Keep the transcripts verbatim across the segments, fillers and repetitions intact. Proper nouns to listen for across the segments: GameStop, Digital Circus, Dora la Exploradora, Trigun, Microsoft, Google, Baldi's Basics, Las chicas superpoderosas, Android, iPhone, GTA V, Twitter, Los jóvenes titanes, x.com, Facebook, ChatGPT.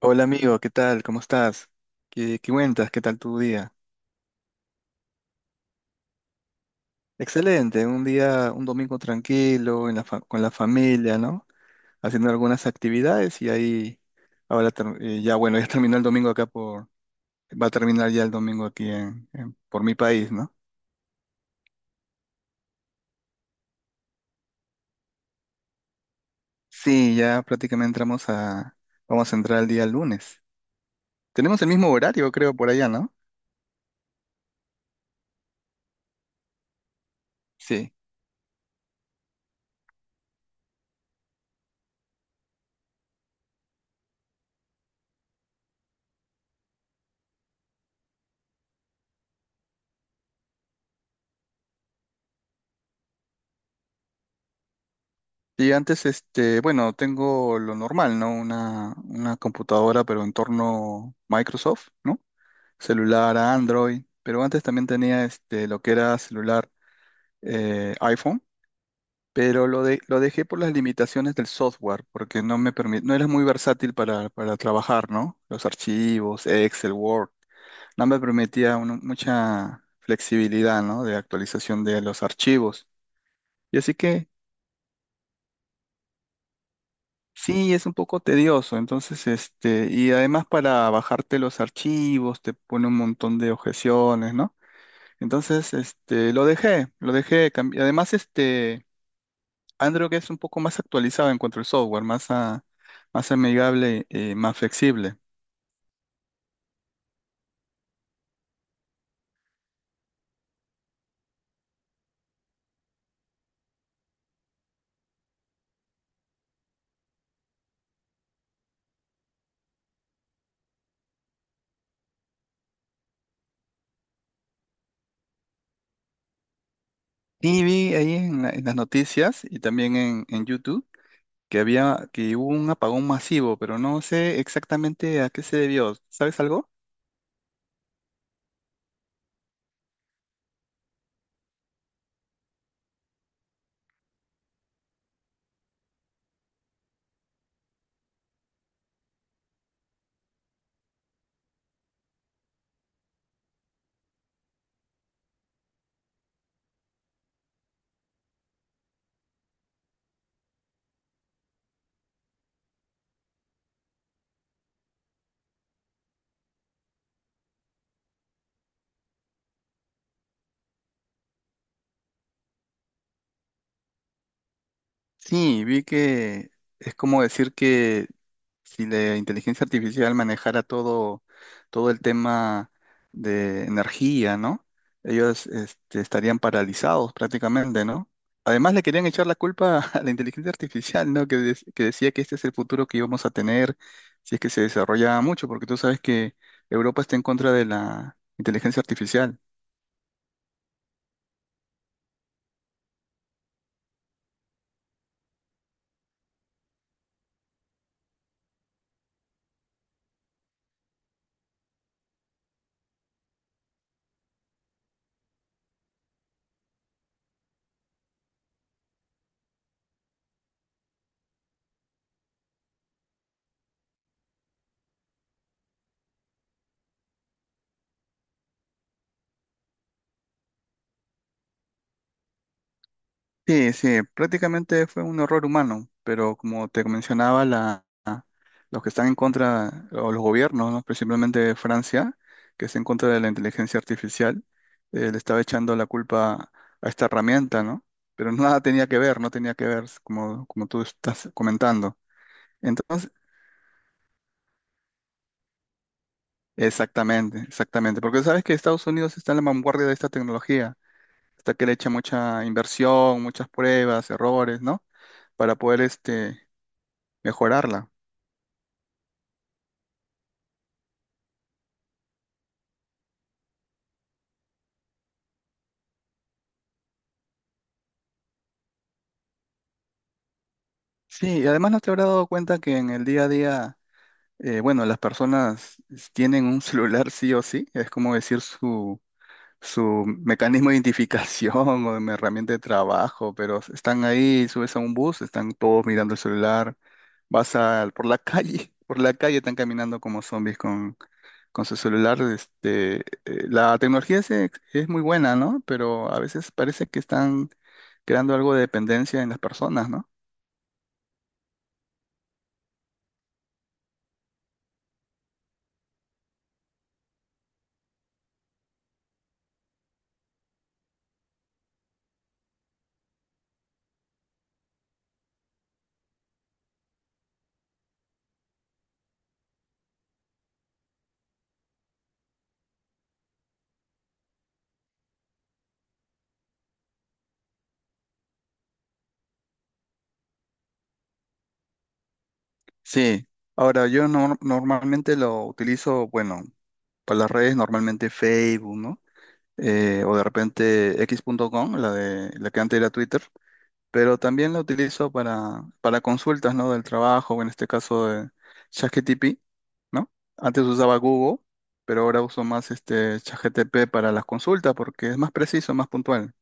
Hola amigo, ¿qué tal? ¿Cómo estás? ¿Qué, qué cuentas? ¿Qué tal tu día? Excelente, un día, un domingo tranquilo, en la fa- con la familia, ¿no? Haciendo algunas actividades y ahí, ahora ter- eh, ya bueno, ya terminó el domingo acá por, va a terminar ya el domingo aquí en, en- por mi país, ¿no? Sí, ya prácticamente entramos a, vamos a entrar el día lunes. Tenemos el mismo horario, creo, por allá, ¿no? Sí. Y antes, este, bueno, tengo lo normal, ¿no? Una, una computadora, pero en torno Microsoft, ¿no? Celular a Android, pero antes también tenía este, lo que era celular eh, iPhone, pero lo, de, lo dejé por las limitaciones del software, porque no me permite, no era muy versátil para, para trabajar, ¿no? Los archivos, Excel, Word, no me permitía una- mucha flexibilidad, ¿no? De actualización de los archivos. Y así que sí, es un poco tedioso, entonces, este, y además para bajarte los archivos te pone un montón de objeciones, ¿no? Entonces, este, lo dejé, lo dejé, cambi- además, este, Android es un poco más actualizado en cuanto al software, más, a- más amigable, eh, más flexible. Y vi ahí en, la- en las noticias y también en, en YouTube que había, que hubo un apagón masivo, pero no sé exactamente a qué se debió, ¿sabes algo? Sí, vi que es como decir que si la inteligencia artificial manejara todo, todo el tema de energía, ¿no? Ellos este, estarían paralizados prácticamente, ¿no? Además le querían echar la culpa a la inteligencia artificial, ¿no? Que, des- que decía que este es el futuro que íbamos a tener si es que se desarrollaba mucho, porque tú sabes que Europa está en contra de la inteligencia artificial. Sí, sí, prácticamente fue un error humano, pero como te mencionaba, la... los que están en contra, o los gobiernos, ¿no? Principalmente Francia, que está en contra de la inteligencia artificial, eh, le estaba echando la culpa a esta herramienta, ¿no? Pero nada tenía que ver, no tenía que ver, como, como tú estás comentando. Entonces, exactamente, exactamente, porque sabes que Estados Unidos está en la vanguardia de esta tecnología, hasta que le echa mucha inversión, muchas pruebas, errores, ¿no? Para poder este, mejorarla. Sí, y además no te habrás dado cuenta que en el día a día eh, bueno, las personas tienen un celular sí o sí, es como decir su, su mecanismo de identificación o de herramienta de trabajo, pero están ahí, subes a un bus, están todos mirando el celular, vas a, por la calle, por la calle están caminando como zombies con, con su celular. Este, eh, la tecnología se- es muy buena, ¿no? Pero a veces parece que están creando algo de dependencia en las personas, ¿no? Sí. Ahora, yo nor- normalmente lo utilizo, bueno, para las redes, normalmente Facebook, ¿no? Eh, o de repente equis punto com, la de la que antes era Twitter, pero también la utilizo para, para consultas, ¿no? Del trabajo, o en este caso de ChatGPT, ¿no? Antes usaba Google, pero ahora uso más este ChatGPT para las consultas porque es más preciso, más puntual.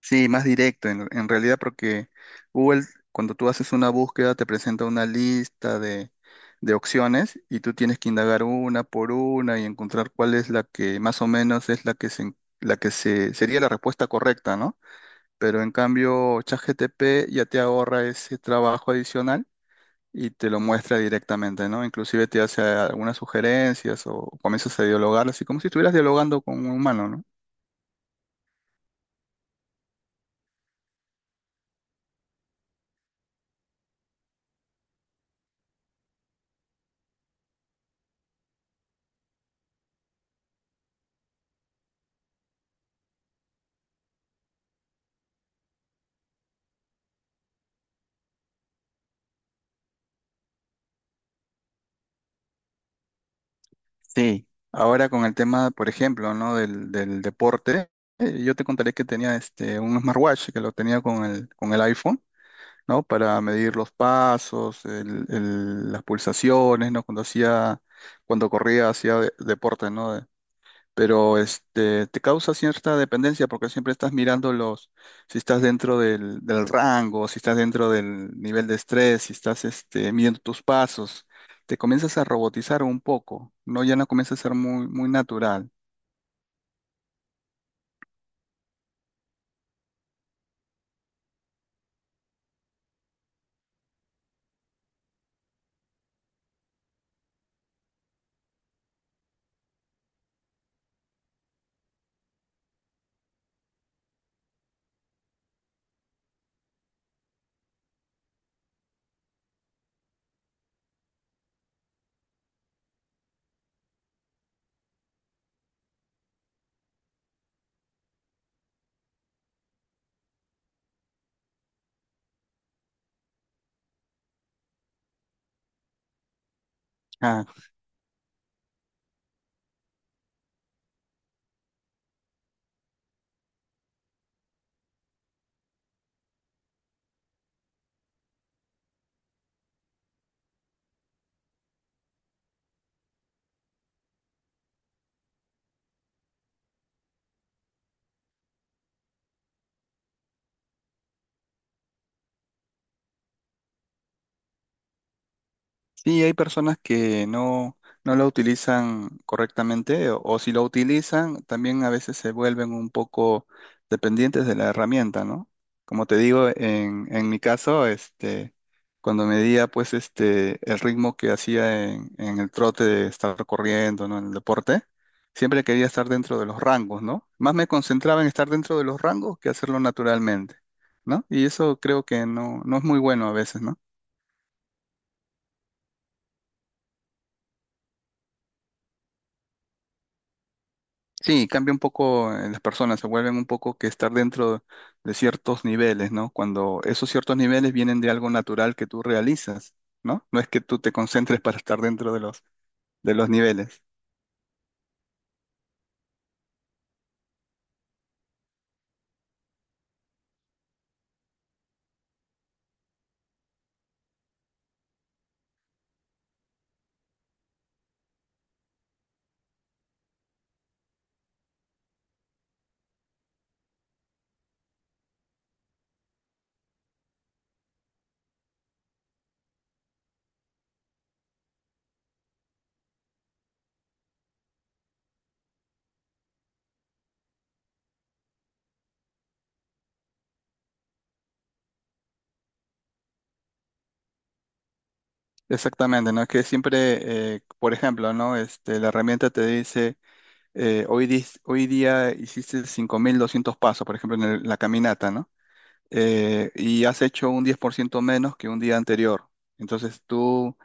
Sí, más directo, en, en realidad, porque Google, cuando tú haces una búsqueda, te presenta una lista de, de opciones y tú tienes que indagar una por una y encontrar cuál es la que más o menos es la que se, en- la que se, sería la respuesta correcta, ¿no? Pero en cambio, ChatGPT ya te ahorra ese trabajo adicional y te lo muestra directamente, ¿no? Inclusive te hace algunas sugerencias o comienzas a dialogar, así como si estuvieras dialogando con un humano, ¿no? Sí, ahora con el tema, por ejemplo, ¿no? Del, del deporte, eh, yo te contaré que tenía este, un smartwatch que lo tenía con el, con el iPhone, ¿no? Para medir los pasos, el- el- las pulsaciones, ¿no? Cuando hacía, cuando corría, hacía de- deporte, ¿no? Pero este, te causa cierta dependencia porque siempre estás mirando los, si estás dentro del, del rango, si estás dentro del nivel de estrés, si estás este, midiendo tus pasos, te comienzas a robotizar un poco, ¿no? Ya no comienza a ser muy, muy natural. Sí, hay personas que no, no la utilizan correctamente o, o si lo utilizan, también a veces se vuelven un poco dependientes de la herramienta, ¿no? Como te digo, en, en mi caso, este, cuando medía pues este, el ritmo que hacía en, en el trote de estar corriendo, ¿no? En el deporte, siempre quería estar dentro de los rangos, ¿no? Más me concentraba en estar dentro de los rangos que hacerlo naturalmente, ¿no? Y eso creo que no, no es muy bueno a veces, ¿no? Sí, cambia un poco en las personas, se vuelven un poco que estar dentro de ciertos niveles, ¿no? Cuando esos ciertos niveles vienen de algo natural que tú realizas, ¿no? No es que tú te concentres para estar dentro de los, de los niveles. Exactamente, ¿no? Es que siempre, eh, por ejemplo, ¿no? Este, la herramienta te dice, eh, hoy, dis- hoy día hiciste cinco mil doscientos pasos, por ejemplo, en el- la caminata, ¿no? Eh, y has hecho un diez por ciento menos que un día anterior. Entonces tú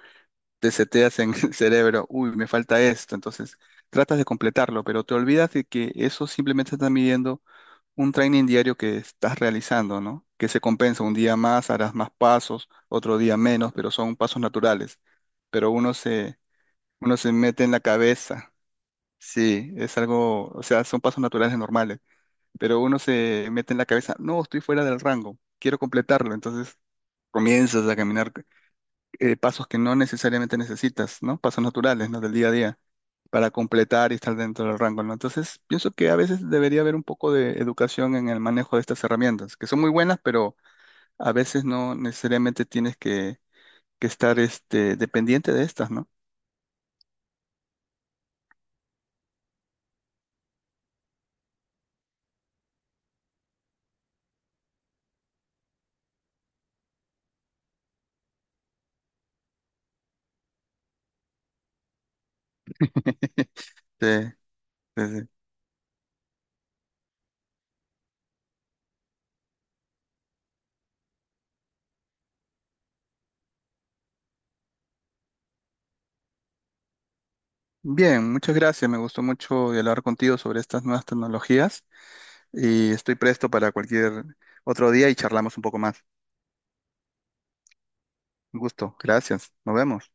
te seteas en el cerebro, uy, me falta esto, entonces tratas de completarlo, pero te olvidas de que eso simplemente está midiendo un training diario que estás realizando, ¿no? Que se compensa, un día más harás más pasos, otro día menos, pero son pasos naturales. Pero uno se, uno se mete en la cabeza, sí, es algo, o sea, son pasos naturales normales, pero uno se mete en la cabeza, no, estoy fuera del rango, quiero completarlo, entonces comienzas a caminar eh, pasos que no necesariamente necesitas, ¿no? Pasos naturales, ¿no? Del día a día, para completar y estar dentro del rango, ¿no? Entonces, pienso que a veces debería haber un poco de educación en el manejo de estas herramientas, que son muy buenas, pero a veces no necesariamente tienes que, que estar este, dependiente de estas, ¿no? Sí, sí, sí. Bien, muchas gracias. Me gustó mucho dialogar contigo sobre estas nuevas tecnologías y estoy presto para cualquier otro día y charlamos un poco más. Un gusto. Gracias. Nos vemos.